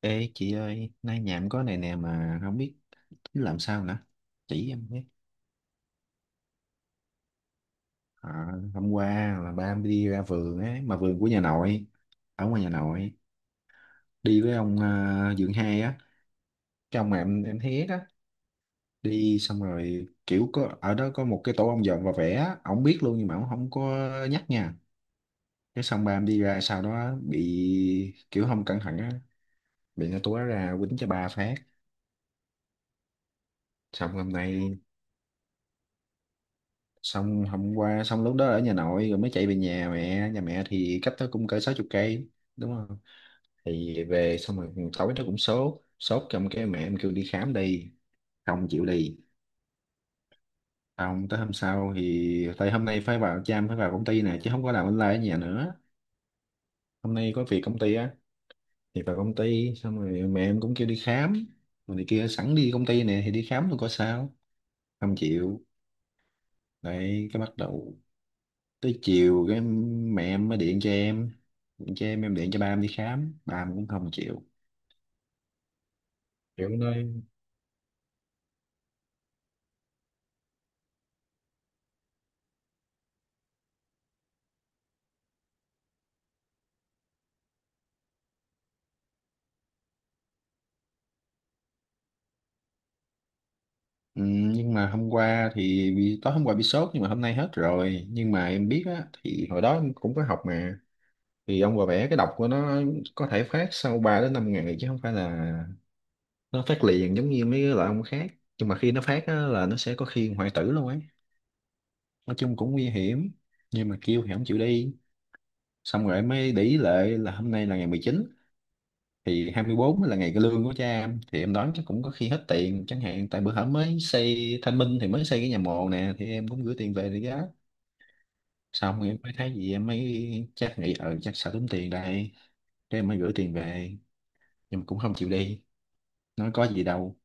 Ê chị ơi, nay nhà em có này nè mà không biết tính làm sao nữa. Chỉ em biết. À, hôm qua là ba em đi ra vườn ấy, mà vườn của nhà nội, ở ngoài nhà nội, đi với ông à, Dượng Hai á, cái ông mà em thấy á, đi xong rồi kiểu có ở đó có một cái tổ ong dọn và vẽ, á, ổng biết luôn nhưng mà ổng không có nhắc nha. Cái xong ba em đi ra sau đó bị kiểu không cẩn thận á, bị nó túa ra quýnh cho ba phát. Xong hôm nay xong hôm qua xong lúc đó ở nhà nội rồi mới chạy về nhà mẹ, nhà mẹ thì cách đó cũng cỡ 60 cây, đúng không, thì về xong rồi tối nó cũng sốt, sốt, trong cái mẹ em kêu đi khám đi, không chịu đi, không, tới hôm sau thì tại hôm nay phải vào chăm, phải vào công ty nè chứ không có làm online ở nhà nữa, hôm nay có việc công ty á, thì vào công ty xong rồi mẹ em cũng kêu đi khám rồi này kia, sẵn đi công ty nè thì đi khám luôn có sao, không chịu, đấy cái bắt đầu tới chiều cái mẹ em mới điện cho em, chứ em điện cho ba em đi khám ba em cũng không chịu, kiểu nơi. Ừ, nhưng mà hôm qua thì bị, tối hôm qua bị sốt nhưng mà hôm nay hết rồi, nhưng mà em biết á, thì hồi đó em cũng có học mà, thì ông bà vẽ cái độc của nó có thể phát sau ba đến 5 ngày chứ không phải là nó phát liền giống như mấy cái loại ông khác, nhưng mà khi nó phát á, là nó sẽ có khi hoại tử luôn ấy, nói chung cũng nguy hiểm, nhưng mà kêu thì không chịu đi. Xong rồi em mới để ý lệ là hôm nay là ngày 19, thì 24 là ngày cái lương của cha em, thì em đoán chắc cũng có khi hết tiền chẳng hạn, tại bữa hổm mới xây Thanh Minh thì mới xây cái nhà mồ nè, thì em cũng gửi tiền về để giá, xong em mới thấy gì, em mới chắc nghĩ ờ chắc sợ tốn tiền đây, thế em mới gửi tiền về, nhưng mà cũng không chịu đi, nói có gì đâu.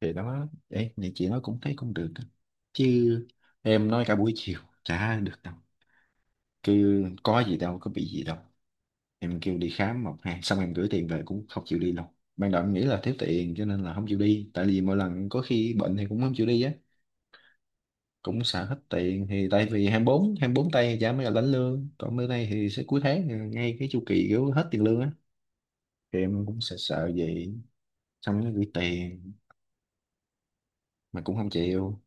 Thì đó ấy, này chị nói cũng thấy cũng được á. Chứ em nói cả buổi chiều chả được đâu, cứ có gì đâu, có bị gì đâu, em kêu đi khám một hai xong em gửi tiền về cũng không chịu đi đâu. Ban đầu em nghĩ là thiếu tiền cho nên là không chịu đi, tại vì mỗi lần có khi bệnh thì cũng không chịu đi á, cũng xài hết tiền, thì tại vì 24 bốn tây thì chả mới là lãnh lương, còn bữa nay thì sẽ cuối tháng ngay cái chu kỳ kiểu hết tiền lương á, thì em cũng sợ sợ vậy, xong nó gửi tiền mà cũng không chịu.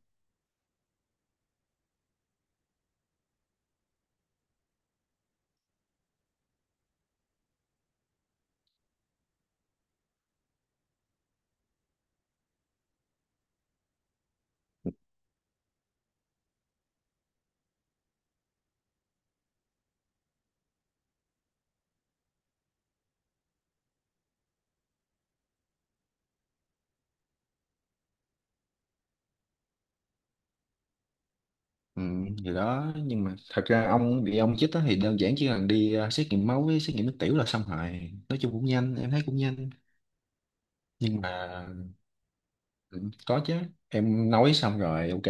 Ừ, thì đó, nhưng mà thật ra ông bị ông chích á thì đơn giản chỉ cần đi à, xét nghiệm máu với xét nghiệm nước tiểu là xong rồi, nói chung cũng nhanh, em thấy cũng nhanh, nhưng mà. Ừ, có chứ, em nói xong rồi ok,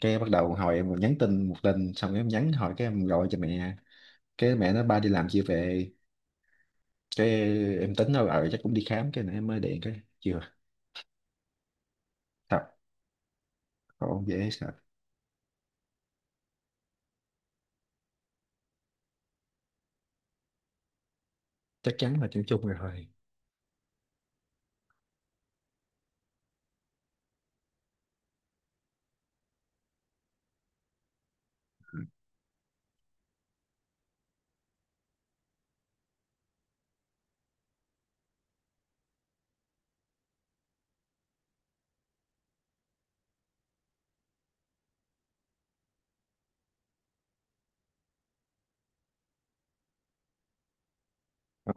cái bắt đầu hồi em nhắn tin một tin xong em nhắn hỏi, cái em gọi cho mẹ, cái mẹ nói ba đi làm chưa về, cái em tính đâu ờ chắc cũng đi khám, cái này em mới điện cái chưa. Thật. Không dễ sợ. Chắc chắn là chung chung rồi. Ờ,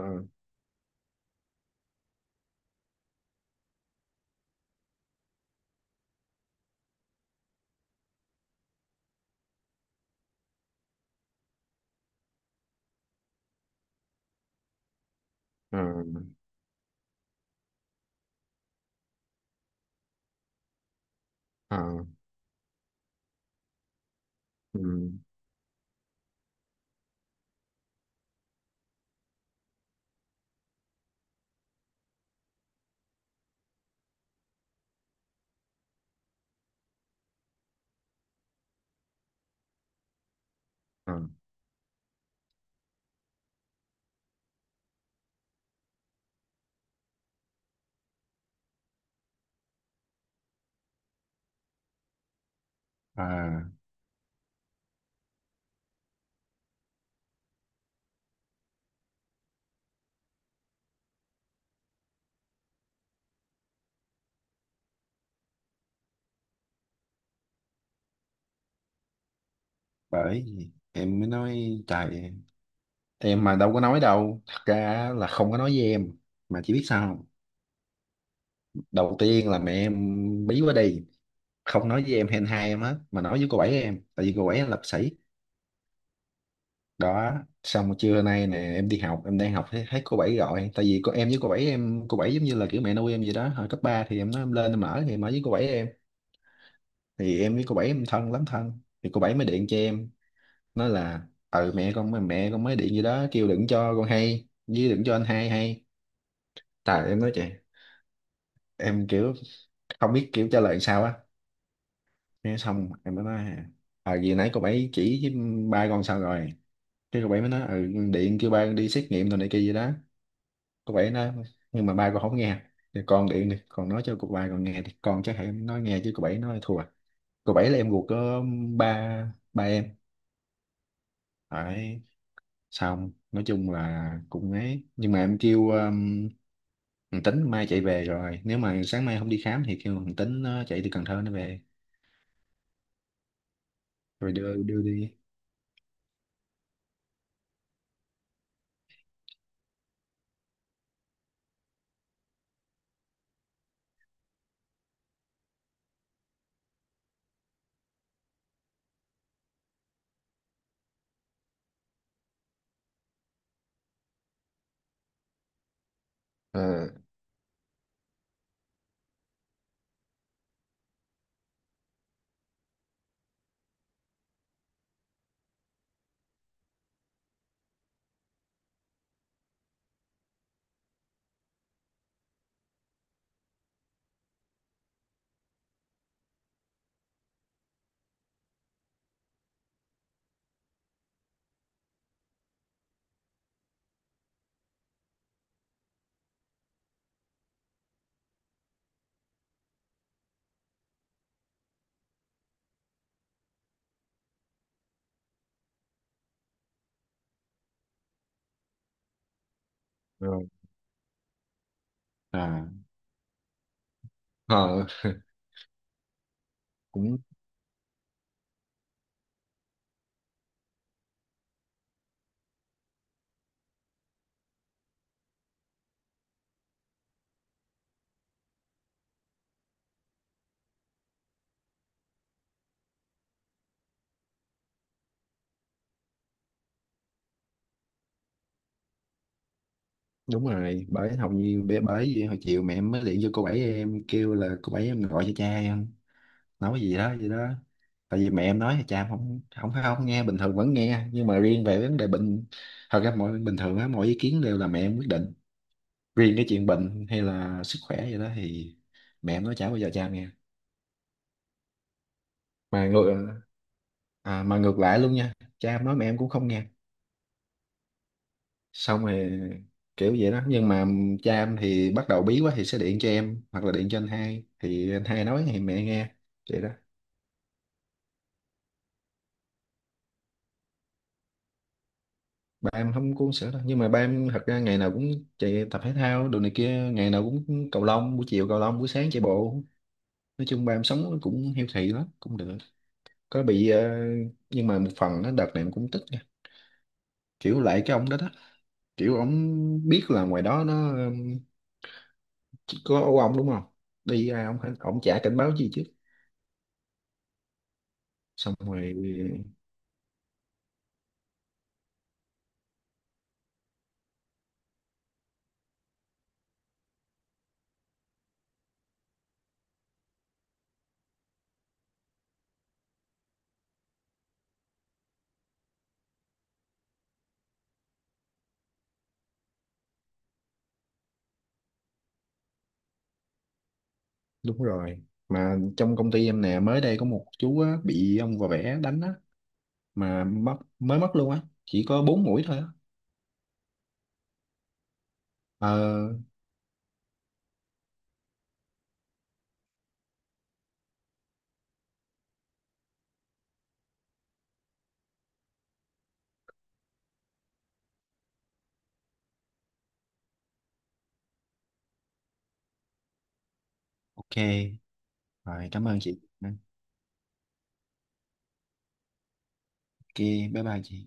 ờ, ờ, ừ, ờ, à. Bởi vì em mới nói trời, em mà đâu có nói đâu, thật ra là không có nói với em, mà chỉ biết sao không? Đầu tiên là mẹ em, bí quá đi, không nói với em hen hai em hết mà nói với cô bảy em, tại vì cô bảy em là bác sĩ. Đó, xong rồi trưa nay nè em đi học em đang học thấy cô bảy gọi, tại vì cô em với cô bảy em, cô bảy giống như là kiểu mẹ nuôi em vậy đó, hồi cấp 3 thì em nói em lên em ở thì em ở với cô bảy em, thì em với cô bảy em thân lắm, thân thì cô bảy mới điện cho em, nói là ừ, mẹ con mới điện gì đó kêu đừng cho con hay với đừng cho anh hai hay. Tại em nói trời, em kiểu không biết kiểu trả lời sao á, nghe xong em mới nói à gì nãy cô bảy chỉ với, ba con sao rồi, cái cậu bảy mới nói ừ, điện kêu ba con đi xét nghiệm rồi này kia gì đó, cậu bảy nói nhưng mà ba con không nghe à." Thì con điện đi còn nói cho cậu ba con nghe thì con chắc hãy nói nghe, chứ cậu bảy nói thua, cậu bảy là em ruột có ba ba em phải. Xong nói chung là cũng ấy, nhưng mà em kêu thằng Tính mai chạy về rồi, nếu mà sáng mai không đi khám thì kêu thằng Tính nó chạy từ Cần Thơ nó về rồi đưa đưa đi Ờ, rồi à. Ờ, cũng đúng rồi, bởi học như bởi bởi vì hồi chiều mẹ em mới điện cho cô bảy em kêu là cô bảy em gọi cho cha em nói gì đó gì đó, tại vì mẹ em nói là cha em không không phải không nghe, bình thường vẫn nghe, nhưng mà riêng về vấn đề bệnh, thật ra mọi bình thường á, mọi ý kiến đều là mẹ em quyết định, riêng cái chuyện bệnh hay là sức khỏe gì đó thì mẹ em nói chả bao giờ cha em nghe, mà ngược, à, mà ngược lại luôn nha, cha em nói mẹ em cũng không nghe, xong rồi kiểu vậy đó, nhưng mà cha em thì bắt đầu bí quá thì sẽ điện cho em hoặc là điện cho anh hai thì anh hai nói thì mẹ nghe, vậy đó. Ba em không có uống sữa đâu, nhưng mà ba em thật ra ngày nào cũng chạy tập thể thao đồ này kia, ngày nào cũng cầu lông buổi chiều, cầu lông buổi sáng chạy bộ, nói chung ba em sống cũng healthy lắm, cũng được, có bị ờ, nhưng mà một phần nó đợt này em cũng tức nha. Kiểu lại cái ông đó đó, kiểu ông biết là ngoài đó nó có ông đúng không, đi ra ông chả cảnh báo gì chứ, xong rồi. Đúng rồi. Mà trong công ty em nè, mới đây có một chú á, bị ông vò vẽ đánh á, mà mất, mới mất luôn á, chỉ có 4 mũi thôi á. Ờ, ok. Rồi, cảm ơn chị. Ok, bye bye chị.